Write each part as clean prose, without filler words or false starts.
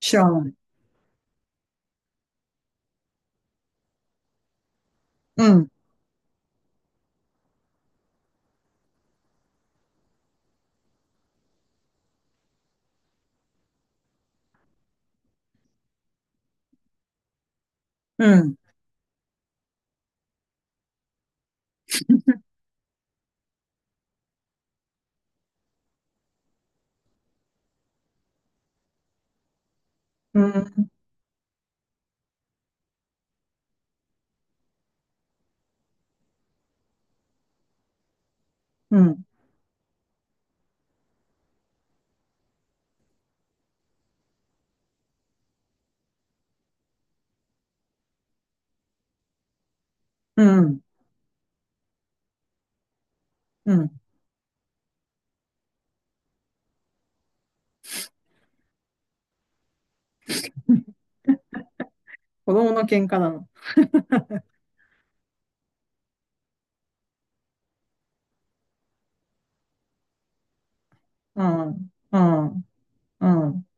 知らない。うん、うん、うん、うん、うん、うん。子供の喧嘩なの。うん、うん、うん。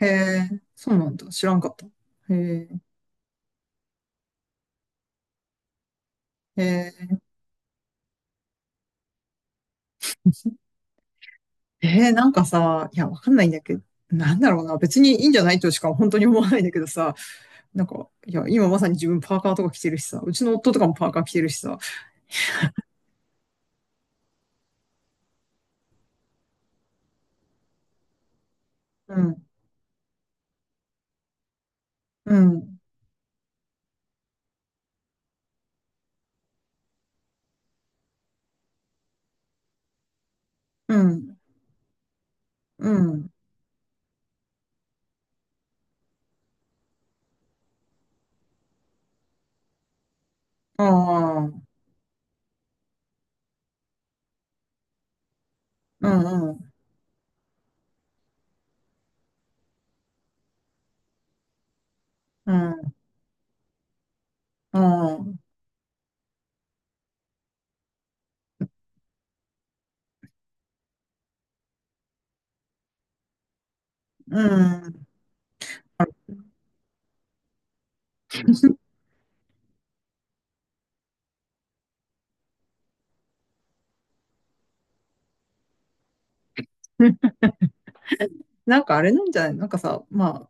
へえ、そうなんだ。知らんかった。へえ、へえ、へー。なんかさ、いや、わかんないんだけど、なんだろうな。別にいいんじゃないとしか本当に思わないんだけどさ、なんか、いや、今まさに自分パーカーとか着てるしさ、うちの夫とかもパーカー着てるしさ。うん、うん、うん、うん、ああ、うん、うん、うん、うん、うん。なんかあれなんじゃない？なんかさ、ま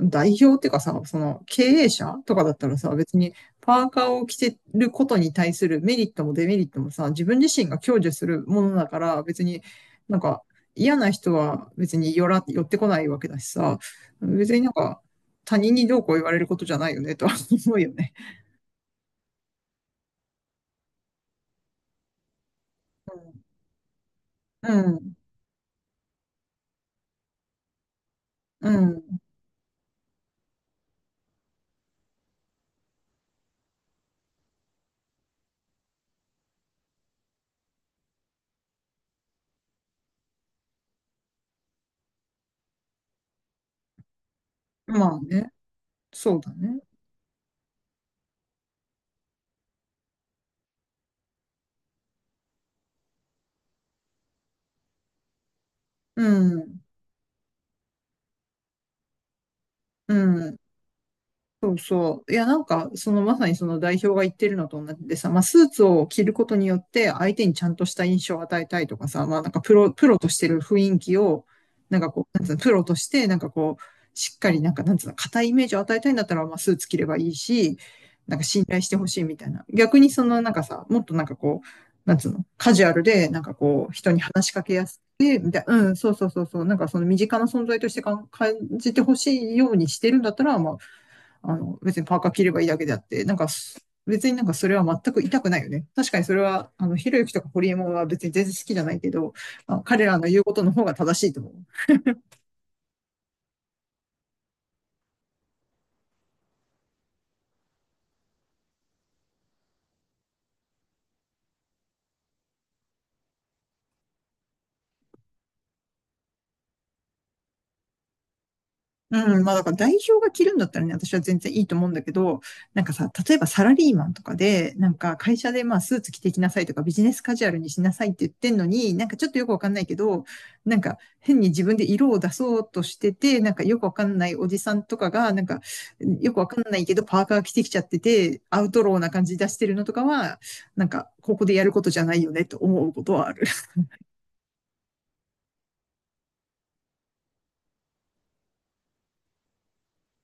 あ、代表っていうかさ、その経営者とかだったらさ、別にパーカーを着てることに対するメリットもデメリットもさ、自分自身が享受するものだから、別になんか嫌な人は別に寄ってこないわけだしさ、別になんか他人にどうこう言われることじゃないよねとは思うよね。うん、うん、うん。まあね、そうだね。うん、うん。そうそう。いや、なんか、そのまさにその代表が言ってるのと同じでさ、まあ、スーツを着ることによって相手にちゃんとした印象を与えたいとかさ、まあ、なんかプロとしてる雰囲気を、なんかこう、なんつうの、プロとして、なんかこう、しっかり、なんか、なんつうの、硬いイメージを与えたいんだったら、まあ、スーツ着ればいいし、なんか信頼してほしいみたいな。逆にその、なんかさ、もっとなんかこう、なんつうの、カジュアルで、なんかこう、人に話しかけやすくて、みたいな、うん、そうそうそうそう、なんかその身近な存在として感じてほしいようにしてるんだったら、まあ、あの、別にパーカー着ればいいだけであって、なんか別になんかそれは全く痛くないよね。確かにそれは、あの、ひろゆきとかホリエモンは別に全然好きじゃないけど、まあの彼らの言うことの方が正しいと思う。うん、まあだから代表が着るんだったらね、私は全然いいと思うんだけど、なんかさ、例えばサラリーマンとかで、なんか会社でまあスーツ着てきなさいとかビジネスカジュアルにしなさいって言ってんのに、なんかちょっとよくわかんないけど、なんか変に自分で色を出そうとしてて、なんかよくわかんないおじさんとかが、なんかよくわかんないけどパーカー着てきちゃってて、アウトローな感じ出してるのとかは、なんかここでやることじゃないよねと思うことはある。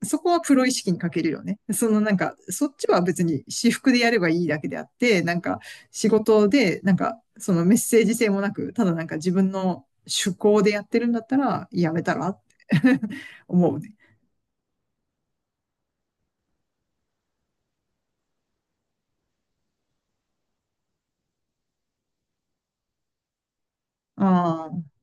そこはプロ意識に欠けるよね。そのなんか、そっちは別に私服でやればいいだけであって、なんか仕事で、なんかそのメッセージ性もなく、ただなんか自分の趣向でやってるんだったら、やめたらって 思うね。ああ、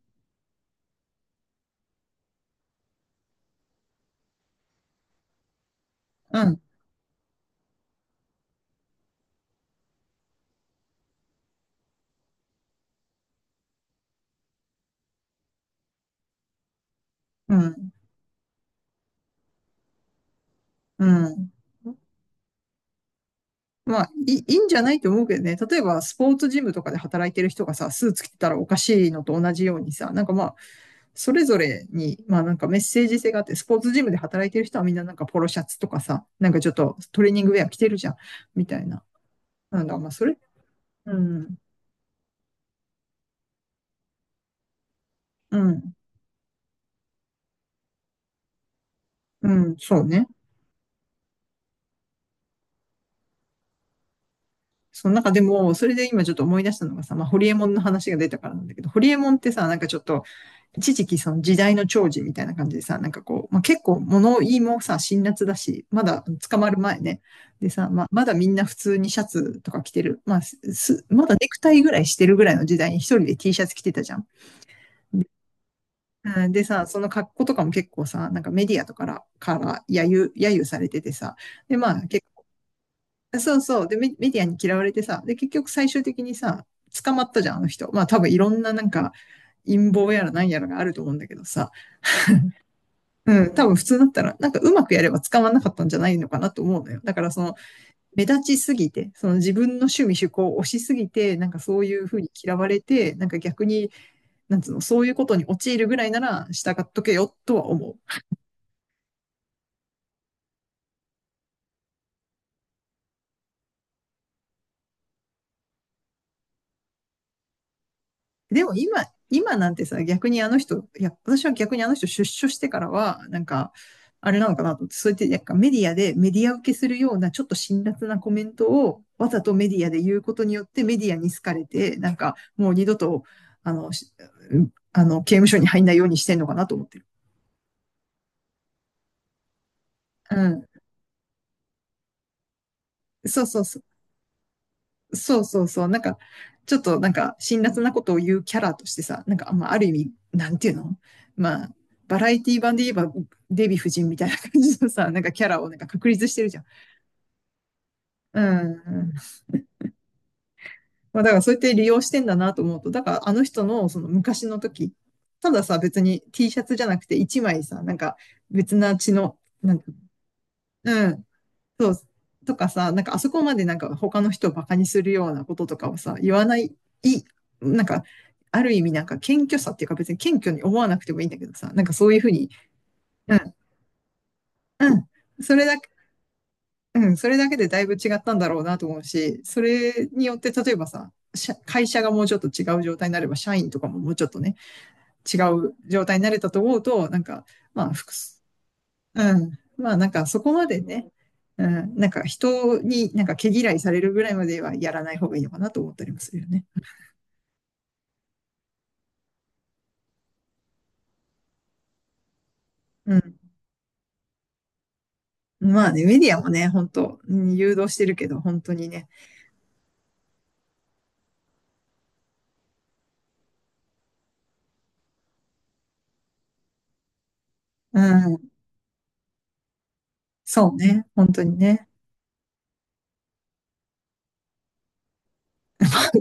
うん、うん、うん。まあ、いいんじゃないと思うけどね。例えば、スポーツジムとかで働いてる人がさ、スーツ着てたらおかしいのと同じようにさ、なんかま、それぞれに、まあなんかメッセージ性があって、スポーツジムで働いてる人はみんななんかポロシャツとかさ、なんかちょっとトレーニングウェア着てるじゃん、みたいな。なんだ、まあそれ、うん、うん、うん、そうね。その中でも、それで今ちょっと思い出したのがさ、まあ、ホリエモンの話が出たからなんだけど、ホリエモンってさ、なんかちょっと、一時期その時代の寵児みたいな感じでさ、なんかこう、まあ、結構物言いもさ、辛辣だし、まだ捕まる前ね。でさ、まあ、まだみんな普通にシャツとか着てる。まあ、まだネクタイぐらいしてるぐらいの時代に一人で T シャツ着てたじゃん。うんでさ、その格好とかも結構さ、なんかメディアとかから揶揄されててさ、で、まあそうそう。で、メディアに嫌われてさ、で、結局最終的にさ、捕まったじゃん、あの人。まあ多分いろんななんか陰謀やら何やらがあると思うんだけどさ、うん、多分普通だったら、なんかうまくやれば捕まんなかったんじゃないのかなと思うのよ。だからその、目立ちすぎて、その自分の趣味趣向を推しすぎて、なんかそういうふうに嫌われて、なんか逆に、なんつうの、そういうことに陥るぐらいなら従っとけよとは思う。でも今、今なんてさ、逆にあの人、いや、私は逆にあの人出所してからは、なんか、あれなのかなと思って、そうやってなんかメディアで、メディア受けするようなちょっと辛辣なコメントをわざとメディアで言うことによってメディアに好かれて、なんかもう二度と、あの、あの、刑務所に入んないようにしてんのかなと思ってる。うん。そうそうそう。そうそうそう、なんか、ちょっとなんか、辛辣なことを言うキャラとしてさ、なんか、まあ、ある意味、なんていうの、まあ、バラエティ版で言えば、デヴィ夫人みたいな感じのさ、なんかキャラをなんか確立してるじゃん。うん。まあ、だからそうやって利用してんだなと思うと、だからあの人のその昔の時、たださ、別に T シャツじゃなくて一枚さ、なんか別な血の、なんか、うん、そう、とかさ、なんかあそこまでなんか他の人をバカにするようなこととかをさ、言わない、なんか、ある意味なんか謙虚さっていうか別に謙虚に思わなくてもいいんだけどさ、なんかそういうふうに、うん、うん、それだけ、うん、それだけでだいぶ違ったんだろうなと思うし、それによって例えばさ、社会社がもうちょっと違う状態になれば、社員とかももうちょっとね、違う状態になれたと思うと、なんか、まあ、複数うん。まあなんかそこまでね、うん、なんか人になんか毛嫌いされるぐらいまではやらない方がいいのかなと思ったりもするよね。うん。まあね、メディアもね、本当うん誘導してるけど、本当にね。うん。そうね。本当にね。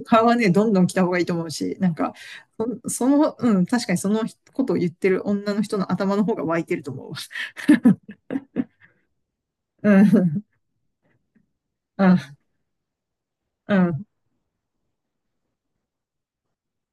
顔はね、どんどん来た方がいいと思うし、なんか、その、うん、確かにそのことを言ってる女の人の頭の方が湧いてると思うわ。うん。うん。うん。